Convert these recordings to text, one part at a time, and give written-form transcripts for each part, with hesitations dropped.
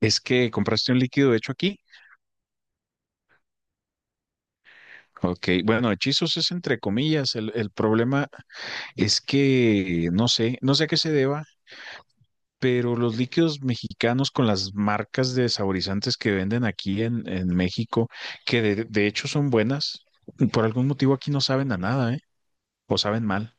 Es que compraste un líquido hecho aquí. Ok, bueno, hechizos es entre comillas. El problema es que no sé a qué se deba, pero los líquidos mexicanos con las marcas de saborizantes que venden aquí en México, que de hecho son buenas, por algún motivo aquí no saben a nada, ¿eh? O saben mal.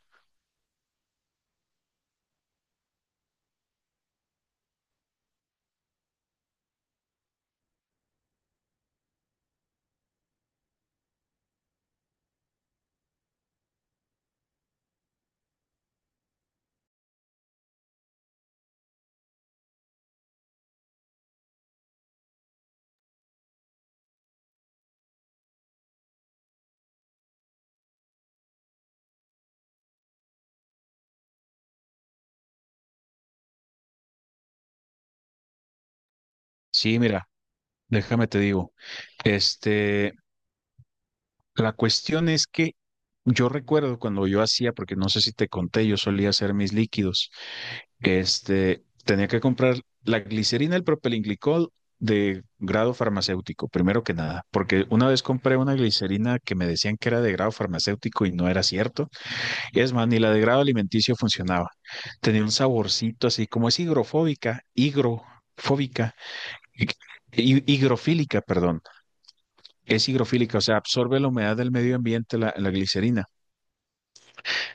Sí, mira, déjame te digo. Este, la cuestión es que yo recuerdo cuando yo hacía, porque no sé si te conté, yo solía hacer mis líquidos. Tenía que comprar la glicerina, el propilenglicol de grado farmacéutico, primero que nada, porque una vez compré una glicerina que me decían que era de grado farmacéutico y no era cierto. Es más, ni la de grado alimenticio funcionaba. Tenía un saborcito así, como es higrofóbica, hi- higrofílica, perdón. Es higrofílica, o sea, absorbe la humedad del medio ambiente, la glicerina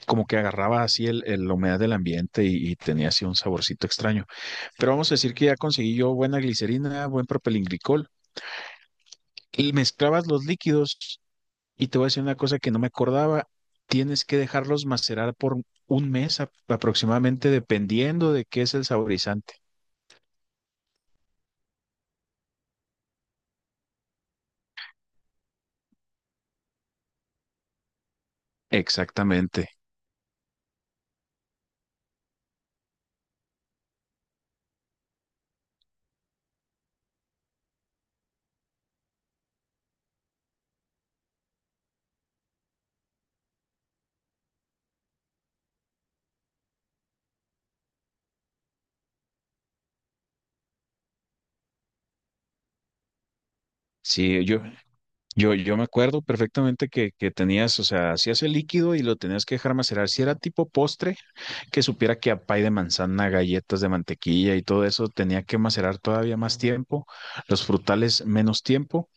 como que agarraba así el, la humedad del ambiente y tenía así un saborcito extraño. Pero vamos a decir que ya conseguí yo buena glicerina, buen propilenglicol y mezclabas los líquidos y te voy a decir una cosa que no me acordaba, tienes que dejarlos macerar por un mes aproximadamente dependiendo de qué es el saborizante. Exactamente. Sí, yo me acuerdo perfectamente que tenías, o sea, hacías el líquido y lo tenías que dejar macerar. Si era tipo postre, que supiera que a pay de manzana, galletas de mantequilla y todo eso tenía que macerar todavía más tiempo, los frutales menos tiempo,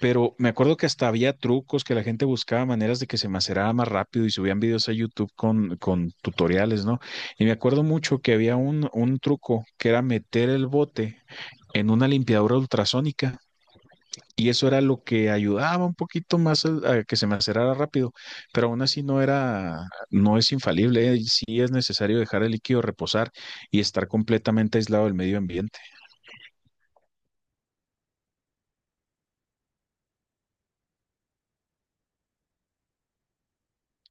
pero me acuerdo que hasta había trucos que la gente buscaba maneras de que se macerara más rápido y subían videos a YouTube con tutoriales, ¿no? Y me acuerdo mucho que había un truco que era meter el bote en una limpiadora ultrasónica y eso era lo que ayudaba un poquito más a que se me acerara rápido, pero aún así no era, no es infalible, ¿eh? Sí es necesario dejar el líquido reposar y estar completamente aislado del medio ambiente.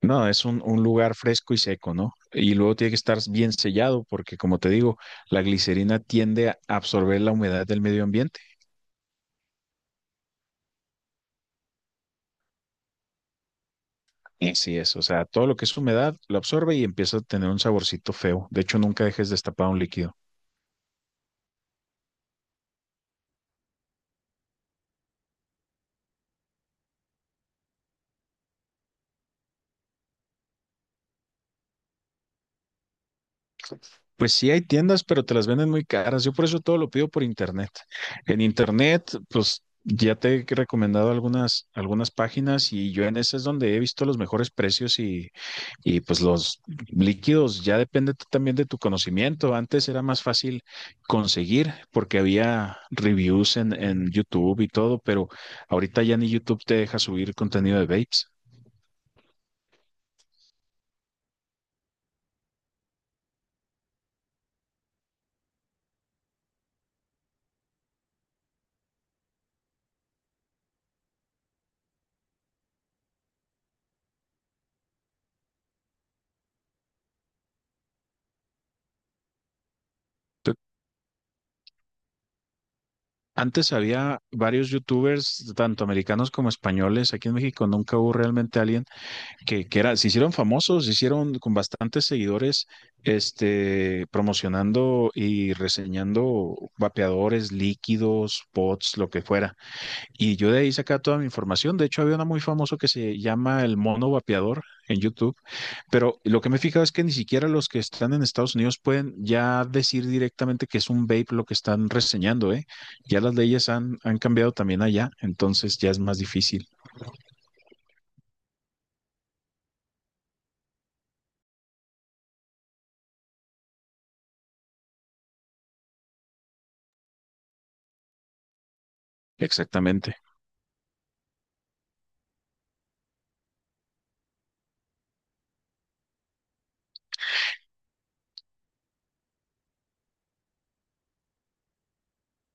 No, es un lugar fresco y seco, ¿no? Y luego tiene que estar bien sellado porque, como te digo, la glicerina tiende a absorber la humedad del medio ambiente. Así es, o sea, todo lo que es humedad lo absorbe y empieza a tener un saborcito feo. De hecho, nunca dejes destapado un líquido. Pues sí, hay tiendas, pero te las venden muy caras. Yo por eso todo lo pido por internet. En internet, pues ya te he recomendado algunas páginas y yo en esas es donde he visto los mejores precios y pues los líquidos. Ya depende también de tu conocimiento. Antes era más fácil conseguir porque había reviews en YouTube y todo, pero ahorita ya ni YouTube te deja subir contenido de vapes. Antes había varios youtubers, tanto americanos como españoles. Aquí en México nunca hubo realmente alguien que era, se hicieron famosos, se hicieron con bastantes seguidores, promocionando y reseñando vapeadores, líquidos, pods, lo que fuera. Y yo de ahí saca toda mi información. De hecho, había uno muy famoso que se llama El Mono Vapeador en YouTube. Pero lo que me he fijado es que ni siquiera los que están en Estados Unidos pueden ya decir directamente que es un vape lo que están reseñando, ¿eh? Ya las leyes han, han cambiado también allá, entonces ya es más difícil. Exactamente.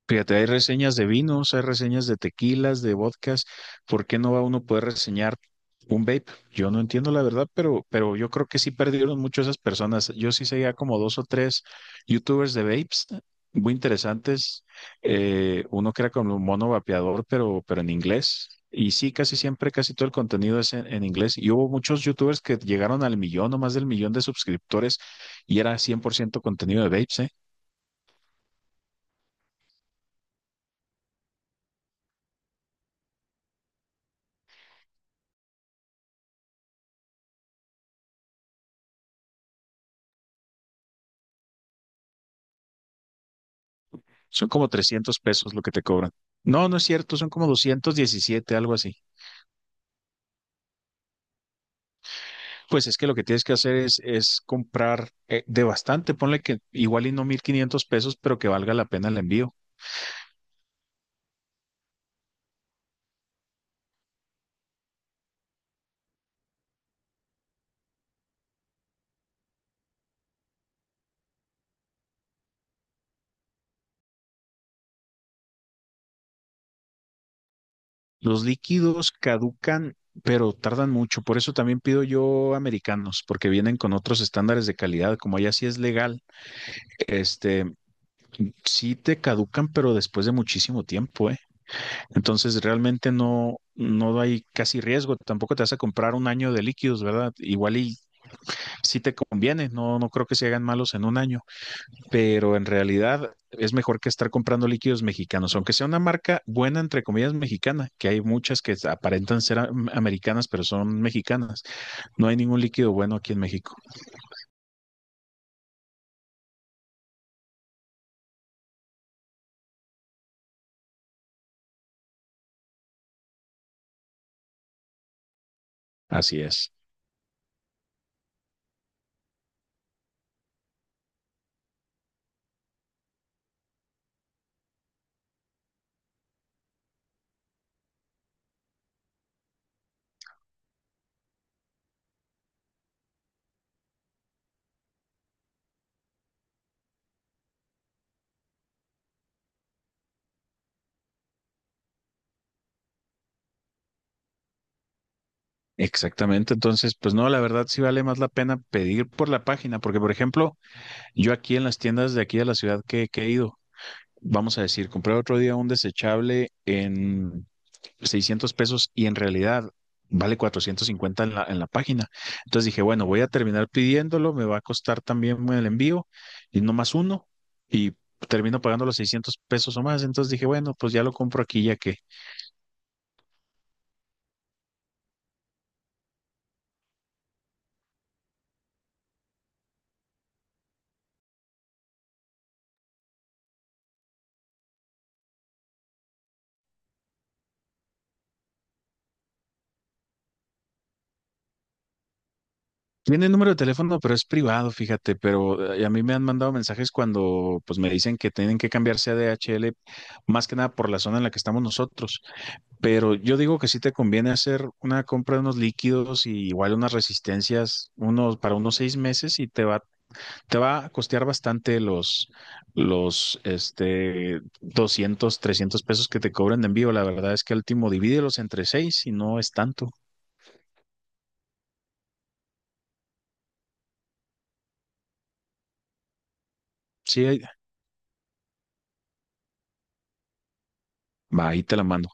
Fíjate, hay reseñas de vinos, hay reseñas de tequilas, de vodkas. ¿Por qué no va uno a poder reseñar un vape? Yo no entiendo la verdad, pero yo creo que sí perdieron mucho esas personas. Yo sí seguía como dos o tres youtubers de vapes muy interesantes. Uno que era como un mono vapeador, pero en inglés. Y sí, casi siempre, casi todo el contenido es en inglés. Y hubo muchos youtubers que llegaron al millón o más del millón de suscriptores y era 100% contenido de vapes, ¿eh? Son como 300 pesos lo que te cobran. No, no es cierto, son como 217, algo así. Pues es que lo que tienes que hacer es, comprar de bastante, ponle que igual y no 1,500 pesos, pero que valga la pena el envío. Los líquidos caducan, pero tardan mucho. Por eso también pido yo americanos, porque vienen con otros estándares de calidad. Como allá sí es legal, este, sí te caducan, pero después de muchísimo tiempo, ¿eh? Entonces realmente no, no hay casi riesgo. Tampoco te vas a comprar un año de líquidos, ¿verdad? Igual y sí te conviene. No, no creo que se hagan malos en un año, pero en realidad es mejor que estar comprando líquidos mexicanos, aunque sea una marca buena, entre comillas, mexicana, que hay muchas que aparentan ser americanas, pero son mexicanas. No hay ningún líquido bueno aquí en México. Así es. Exactamente, entonces, pues no, la verdad sí vale más la pena pedir por la página, porque por ejemplo, yo aquí en las tiendas de aquí de la ciudad que he ido, vamos a decir, compré otro día un desechable en 600 pesos y en realidad vale 450 en la página. Entonces dije, bueno, voy a terminar pidiéndolo, me va a costar también el envío y no más uno y termino pagando los 600 pesos o más. Entonces dije, bueno, pues ya lo compro aquí ya que tiene el número de teléfono, pero es privado, fíjate, pero a mí me han mandado mensajes cuando pues me dicen que tienen que cambiarse a DHL más que nada por la zona en la que estamos nosotros. Pero yo digo que sí te conviene hacer una compra de unos líquidos y igual unas resistencias unos, para unos 6 meses y te va a costear bastante los, 200 300 pesos que te cobran de envío. La verdad es que al último divídelos entre seis y no es tanto. Sí, va, ahí te la mando.